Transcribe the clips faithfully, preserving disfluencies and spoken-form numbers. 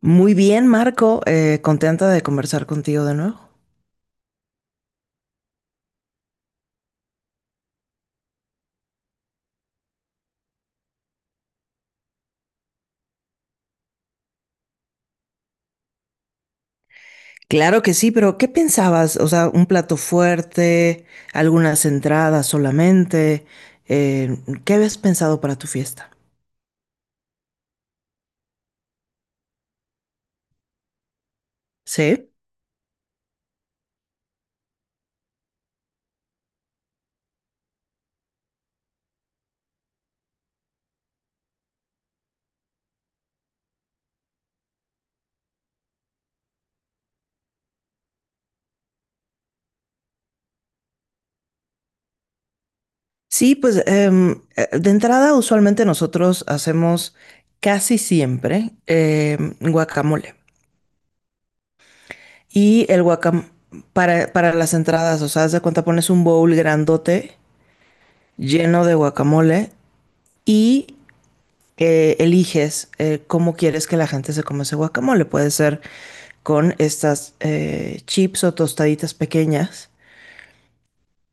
Muy bien, Marco, eh, contenta de conversar contigo de nuevo. Claro que sí, pero ¿qué pensabas? O sea, ¿un plato fuerte, algunas entradas solamente, eh, qué habías pensado para tu fiesta? Sí, sí, pues em, eh, de entrada usualmente nosotros hacemos casi siempre em, guacamole. Y el guacamole para, para las entradas, o sea, haz de cuenta pones un bowl grandote lleno de guacamole y eh, eliges eh, cómo quieres que la gente se coma ese guacamole. Puede ser con estas eh, chips o tostaditas pequeñas,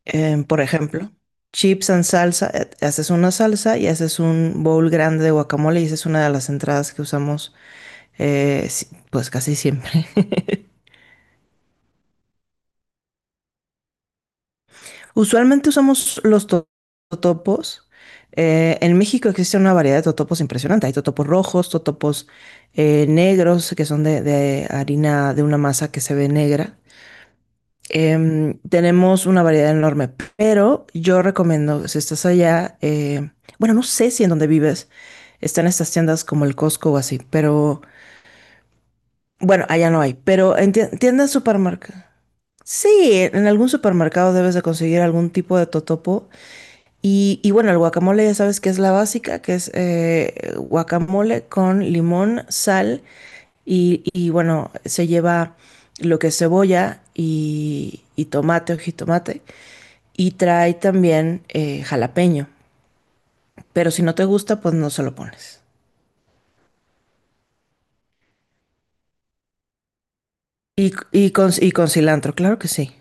em, por ejemplo. Chips en salsa, eh, haces una salsa y haces un bowl grande de guacamole y esa es una de las entradas que usamos eh, si- pues casi siempre. Usualmente usamos los to- totopos. Eh, en México existe una variedad de totopos impresionante. Hay totopos rojos, totopos eh, negros, que son de, de harina de una masa que se ve negra. Em, tenemos una variedad enorme, pero yo recomiendo, si estás allá, eh, bueno, no sé si en donde vives están estas tiendas como el Costco o así, pero bueno, allá no hay, pero en tie- tiendas, supermercados. Sí, en algún supermercado debes de conseguir algún tipo de totopo y, y bueno, el guacamole ya sabes que es la básica, que es eh, guacamole con limón, sal y, y bueno, se lleva lo que es cebolla y, y tomate o jitomate y trae también eh, jalapeño. Pero si no te gusta, pues no se lo pones. Y, y, con, y con cilantro, claro que sí.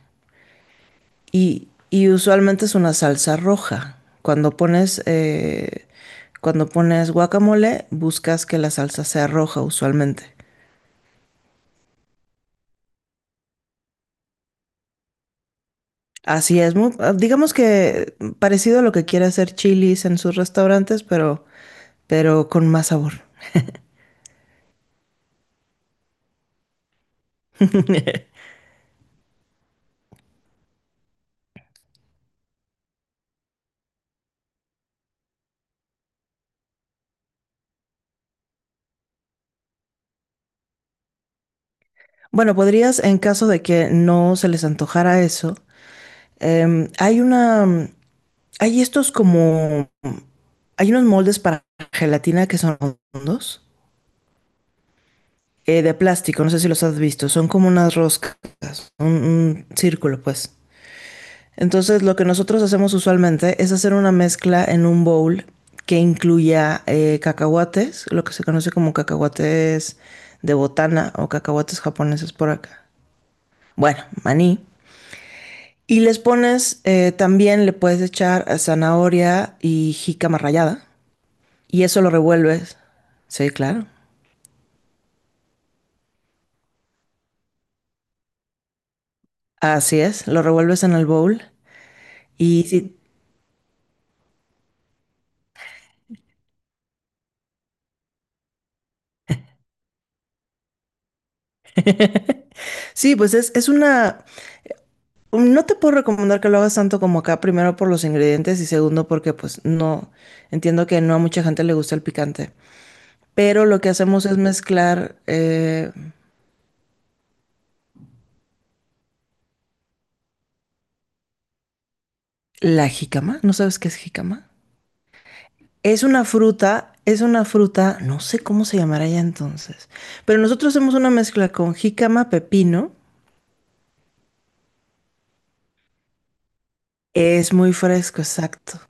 Y, y usualmente es una salsa roja. Cuando pones, eh, cuando pones guacamole, buscas que la salsa sea roja usualmente. Así es, mu- ah, digamos que mm, parecido a lo que quiere hacer Chili's en sus restaurantes, pero, pero con más sabor. Bueno, podrías, en caso de que no se les antojara eso, em, hay una, mm, hay estos como, hay unos moldes para gelatina que son redondos, eh, de plástico, no sé si los has visto, son como unas roscas, un, un círculo, pues. Entonces, lo que nosotros hacemos usualmente es hacer una mezcla en un bowl que incluya eh, cacahuates, lo que se conoce como cacahuates de botana o cacahuates japoneses por acá. Bueno, maní. Y les pones, eh, también le puedes echar zanahoria y jícama rallada. Y eso lo revuelves. Sí, claro. Así es, lo revuelves en el bowl. Y sí, sí pues es, es una, no te puedo recomendar que lo hagas tanto como acá, primero por los ingredientes y segundo porque pues no, entiendo que no a mucha gente le gusta el picante. Pero lo que hacemos es mezclar eh, la jícama. ¿No sabes qué es jícama? Es una fruta, es una fruta, no sé cómo se llamará ya entonces. Pero nosotros hacemos una mezcla con jícama, pepino. Es muy fresco, exacto.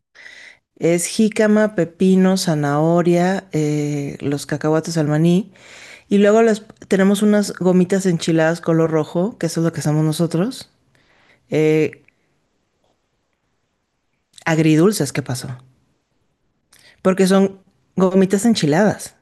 Es jícama, pepino, zanahoria, eh, los cacahuates, al maní. Y luego les, tenemos unas gomitas enchiladas color rojo, que eso es lo que hacemos nosotros. Eh, agridulces, ¿qué pasó? Porque son gomitas enchiladas.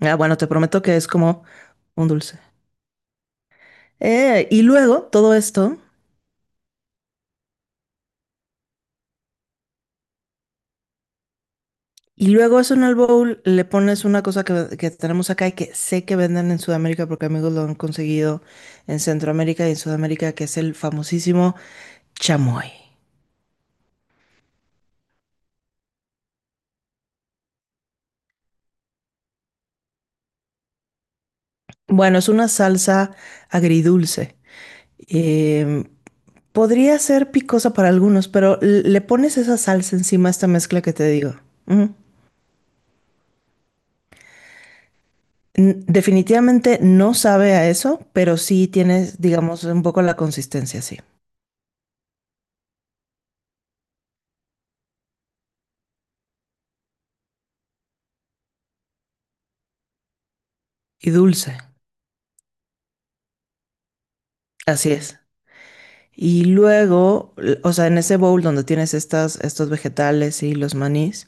Ah, bueno, te prometo que es como un dulce. Eh, y luego todo esto, y luego eso en el bowl le pones una cosa que, que tenemos acá y que sé que venden en Sudamérica porque amigos lo han conseguido en Centroamérica y en Sudamérica, que es el famosísimo chamoy. Bueno, es una salsa agridulce. Eh, Podría ser picosa para algunos, pero l- le pones esa salsa encima a esta mezcla que te digo. Ujú. N- Definitivamente no sabe a eso, pero sí tienes, digamos, un poco la consistencia, sí. Y dulce, así es. Y luego, l- o sea, en ese bowl donde tienes estas, estos vegetales y los manís,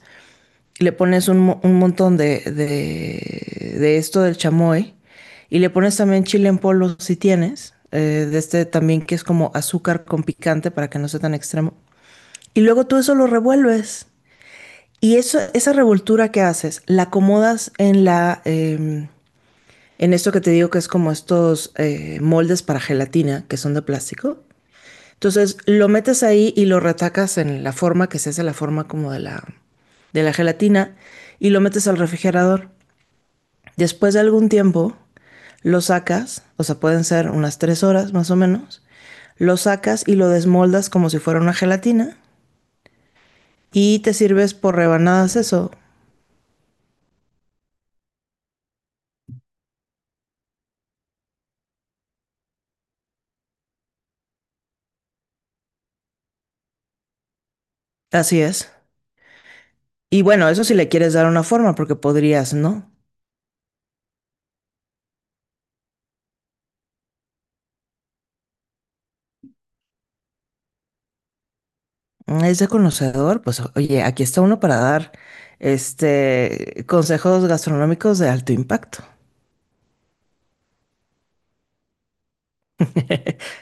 le pones un, mo- un montón de, de, de esto del chamoy y le pones también chile en polvo si tienes, eh, de este también que es como azúcar con picante para que no sea tan extremo. Y luego tú eso lo revuelves. Y eso, esa revoltura que haces, la acomodas en la eh, en esto que te digo que es como estos eh, moldes para gelatina que son de plástico. Entonces lo metes ahí y lo retacas en la forma que se hace, la forma como de la, de la gelatina y lo metes al refrigerador. Después de algún tiempo lo sacas, o sea, pueden ser unas tres horas más o menos, lo sacas y lo desmoldas como si fuera una gelatina y te sirves por rebanadas eso. Así es. Y bueno, eso si le quieres dar una forma, porque podrías, ¿no? Es de conocedor, pues oye, aquí está uno para dar este consejos gastronómicos de alto impacto.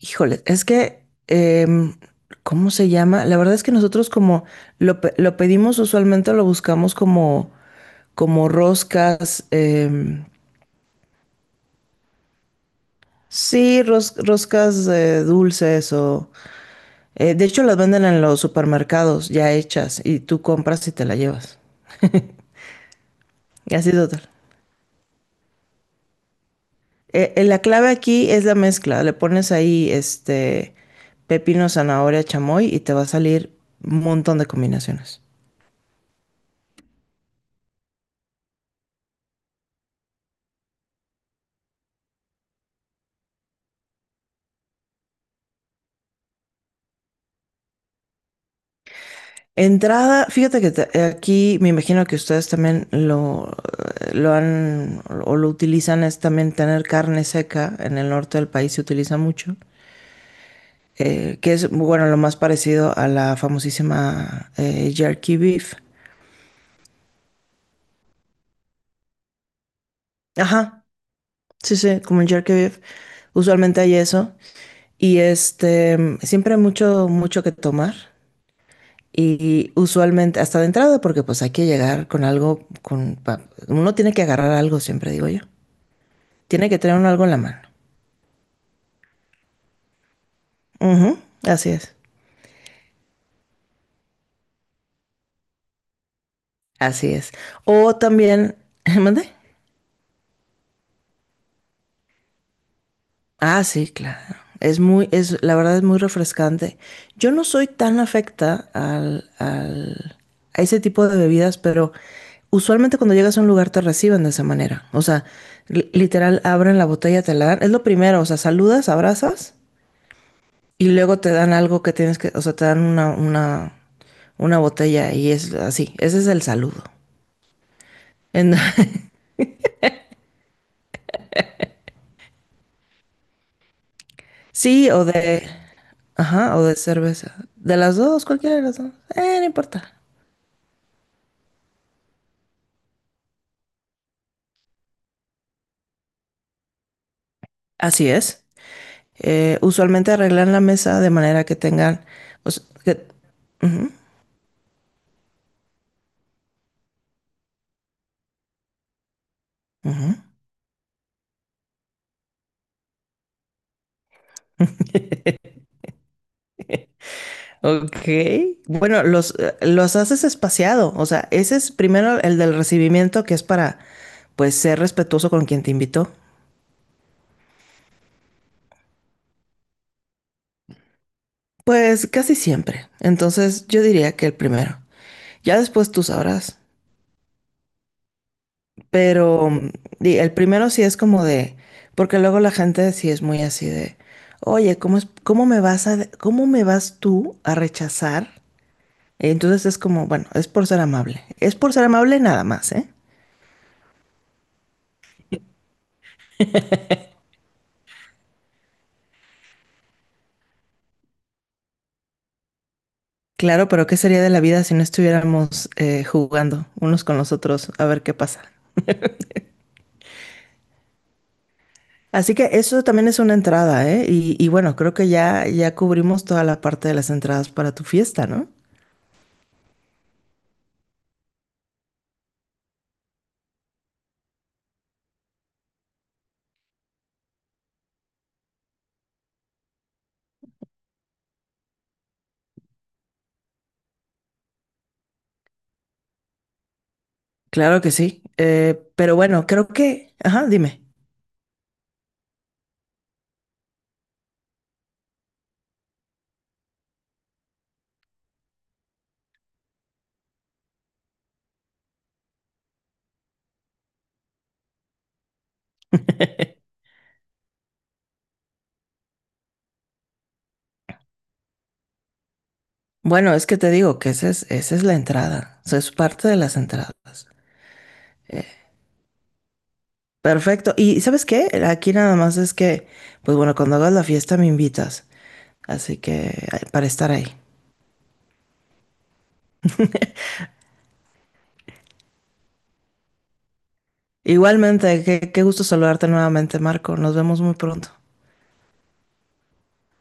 Híjole, es que, em, ¿cómo se llama? La verdad es que nosotros como lo, pe- lo pedimos usualmente, lo buscamos como, como roscas, em, sí, ros- roscas eh, dulces o eh, de hecho, las venden en los supermercados ya hechas y tú compras y te la llevas. Y así total. Eh, eh, la clave aquí es la mezcla. Le pones ahí este pepino, zanahoria, chamoy y te va a salir un montón de combinaciones. Entrada, fíjate que te- aquí me imagino que ustedes también lo, eh, lo han o lo utilizan, es también tener carne seca. En el norte del país se utiliza mucho, eh, que es, bueno, lo más parecido a la famosísima eh, jerky beef. Ajá, sí, sí, como el jerky beef. Usualmente hay eso. Y este, siempre hay mucho, mucho que tomar. Y usualmente, hasta de entrada, porque pues hay que llegar con algo, con, pa- uno tiene que agarrar algo, siempre digo yo. Tiene que tener uno algo en la mano. Ujú, así es. Así es. O también, ¿mande? Ah, sí, claro. Es muy, es, la verdad es muy refrescante. Yo no soy tan afecta al, al- a ese tipo de bebidas, pero usualmente cuando llegas a un lugar te reciben de esa manera. O sea, li- literal, abren la botella, te la dan. Es lo primero, o sea, saludas, abrazas y luego te dan algo que tienes que, o sea, te dan una, una, una botella y es así. Ese es el saludo. En- sí, o de, ajá, o de cerveza. De las dos, cualquiera de las dos. Eh, no importa. Así es. Eh, usualmente arreglan la mesa de manera que tengan o sea, que- ujú, ujú. Ok. Bueno, los, eh, los haces espaciado. O sea, ese es primero el del recibimiento, que es para, pues, ser respetuoso con quien te invitó. Pues casi siempre. Entonces, yo diría que el primero. Ya después tú sabrás. Pero mm, di- el primero sí es como de, porque luego la gente sí es muy así de, oye, ¿cómo es, cómo me vas a, cómo me vas tú a rechazar? Entonces es como, bueno, es por ser amable. Es por ser amable nada más, ¿eh? Claro, pero ¿qué sería de la vida si no estuviéramos eh, jugando unos con los otros a ver qué pasa? Así que eso también es una entrada, ¿eh? Y, y bueno, creo que ya, ya cubrimos toda la parte de las entradas para tu fiesta, ¿no? Claro que sí. Eh, pero bueno, creo que Ajá, dime. Bueno, es que te digo que esa es, esa es la entrada. O sea, es parte de las entradas. Perfecto. ¿Y sabes qué? Aquí nada más es que, pues bueno, cuando hagas la fiesta me invitas. Así que, ay, para estar ahí. Igualmente, qué, qué gusto saludarte nuevamente, Marco. Nos vemos muy pronto.